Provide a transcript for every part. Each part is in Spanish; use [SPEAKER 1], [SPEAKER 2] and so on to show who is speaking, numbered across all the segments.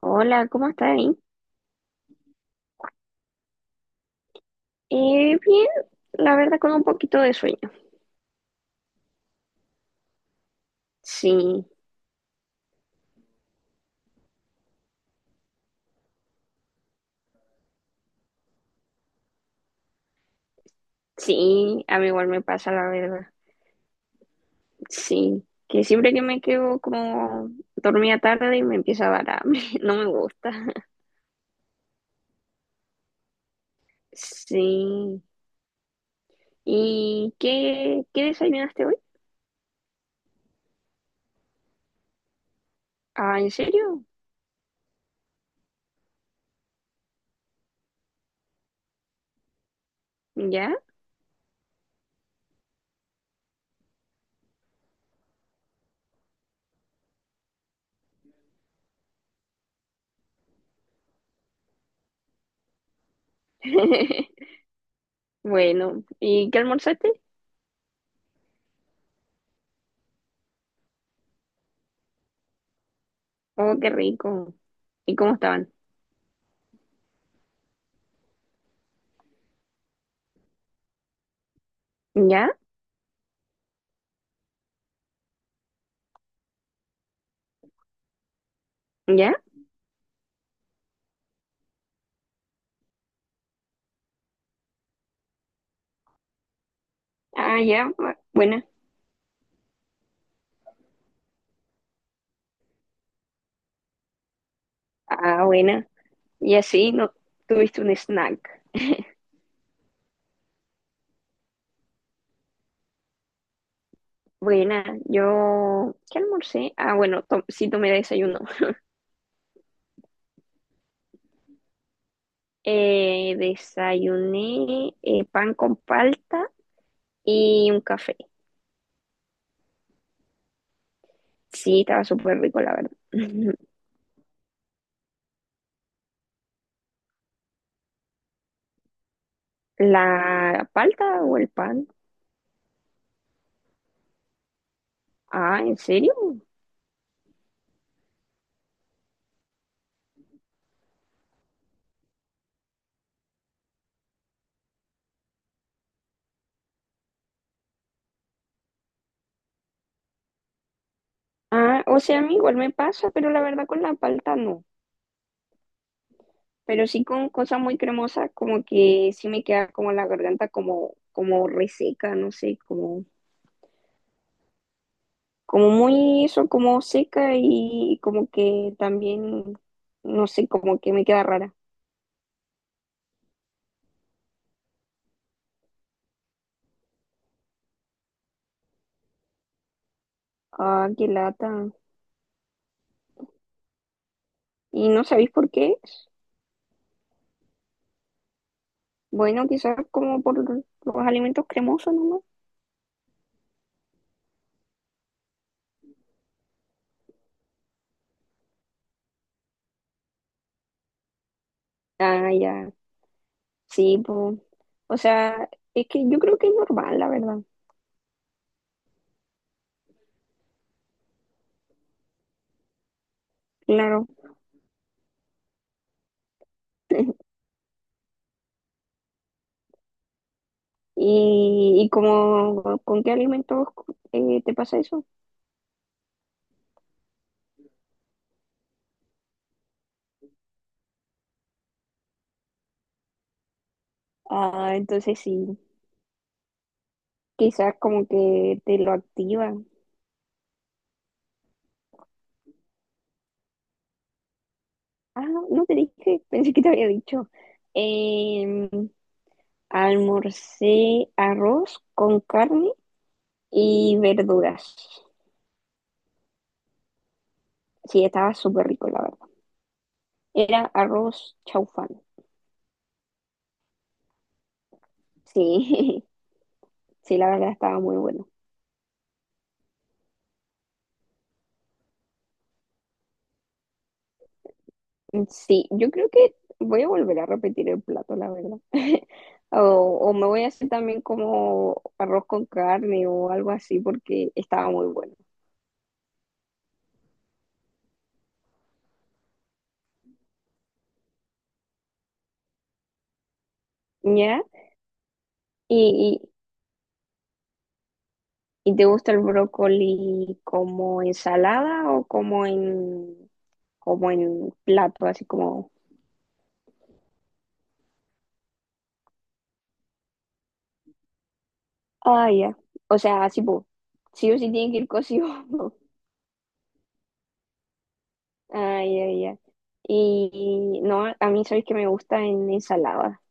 [SPEAKER 1] Hola, ¿cómo estás ahí? Bien, la verdad con un poquito de sueño. Sí, sí, a mí igual me pasa la verdad. Sí, que siempre que me quedo como dormida tarde y me empieza a dar hambre, no me gusta. Sí. ¿Y qué desayunaste hoy? Ah, ¿en serio? ¿Ya? Bueno, ¿y qué almorzaste? Oh, qué rico. ¿Y cómo estaban? ¿Ya? ¿Ya? Ah, ya, buena. Ah, buena. Y así no tuviste un snack. Buena, yo, ¿qué almorcé? Ah, bueno, sí tomé desayuno. Desayuné pan con palta y un café. Sí, estaba súper rico, la verdad. ¿La palta o el pan? Ah, ¿en serio? Ah, o sea, a mí igual me pasa, pero la verdad con la palta no. Pero sí con cosas muy cremosas, como que sí me queda como la garganta como, como reseca, no sé, como como muy eso, como seca y como que también, no sé, como que me queda rara. Ah, qué lata. ¿Y no sabéis por qué es? Bueno, quizás como por los alimentos cremosos nomás. Ah, ya, sí, pues. O sea, es que yo creo que es normal, la verdad, claro. ¿Y, y como con qué alimentos te pasa eso? Ah, entonces sí, quizás como que te lo activa. Ah, no te dije, pensé que te había dicho. Em, almorcé arroz con carne y verduras. Sí, estaba súper rico, la verdad. Era arroz chaufán. Sí, sí, la verdad estaba muy bueno. Sí, yo creo que voy a volver a repetir el plato, la verdad. O, o me voy a hacer también como arroz con carne o algo así porque estaba muy bueno. ¿Ya? Y. ¿Y te gusta el brócoli como ensalada o como en, como en plato, así como, ah, ya. O sea, así, pues, sí o sí tiene que ir cocido. Ay, ya ya. Y no, a mí sabes que me gusta en ensalada.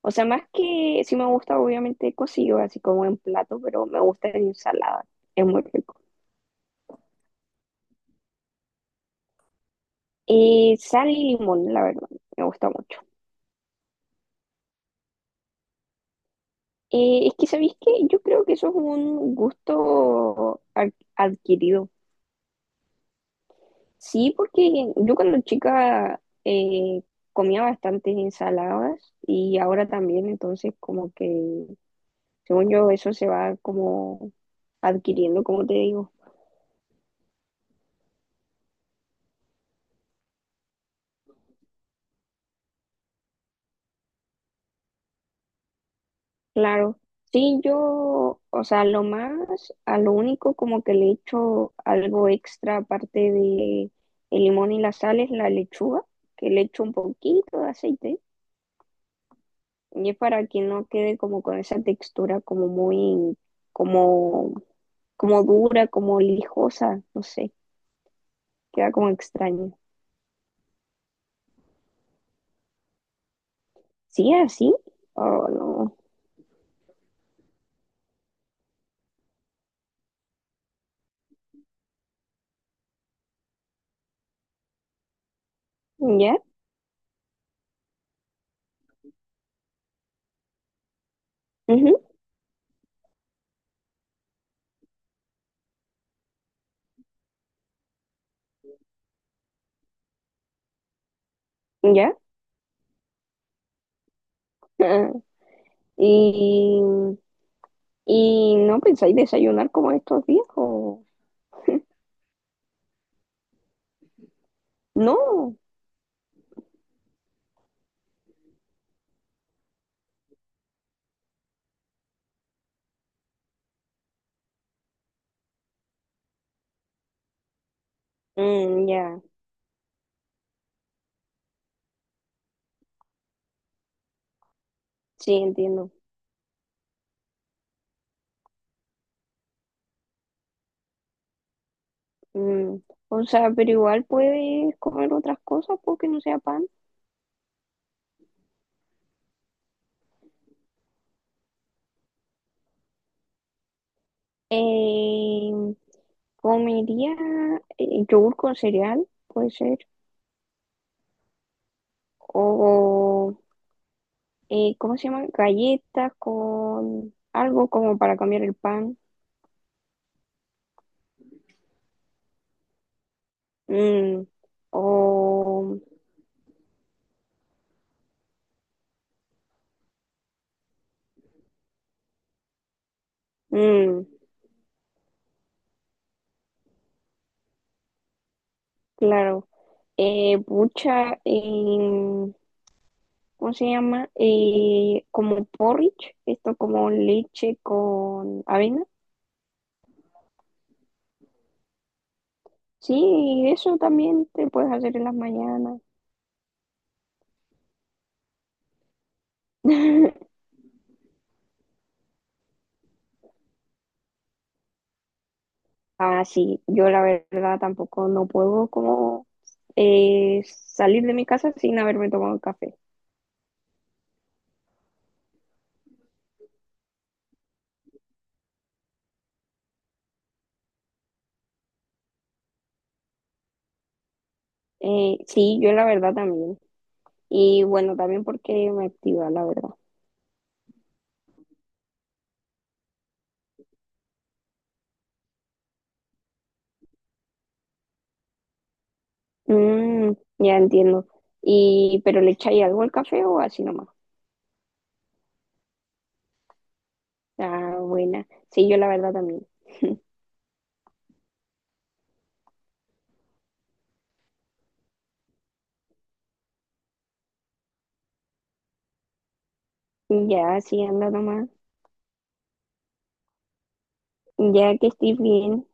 [SPEAKER 1] O sea, más que sí me gusta obviamente cocido, así como en plato, pero me gusta en ensalada. Es muy rico. Y sal y limón, la verdad, me gusta mucho. Es que, ¿sabéis qué? Yo creo que eso es un gusto adquirido. Sí, porque yo cuando chica comía bastantes ensaladas y ahora también, entonces como que, según yo, eso se va como adquiriendo, como te digo. Claro, sí, yo, o sea, lo más, a lo único como que le echo algo extra aparte de el limón y la sal es la lechuga, que le echo un poquito de aceite y es para que no quede como con esa textura como muy, como como dura, como lijosa, no sé, queda como extraño. ¿Sí? ¿Así? Oh, no. ¿Ya? Ujú. ¿Ya? Ah, ¿y, y no pensáis desayunar como estos días? No. Mm, ya, sí, entiendo. Mm, o sea, pero igual puedes comer otras cosas porque no sea pan. Eh, comería yogur con cereal, puede ser, o ¿cómo se llama? Galletas con algo como para cambiar el pan. Mm, o, mm, claro, pucha, ¿cómo se llama? Como porridge, esto como leche con avena. Sí, eso también te puedes hacer en las mañanas. Ah, sí, yo la verdad tampoco no puedo como salir de mi casa sin haberme tomado un café. Sí, yo la verdad también. Y bueno, también porque me activa, la verdad. Mm, ya entiendo. Y, pero ¿le echáis algo al café o así nomás? Ah, buena. Sí, yo la verdad también. Ya, sí, anda nomás. Ya que estés bien.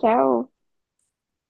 [SPEAKER 1] Chao.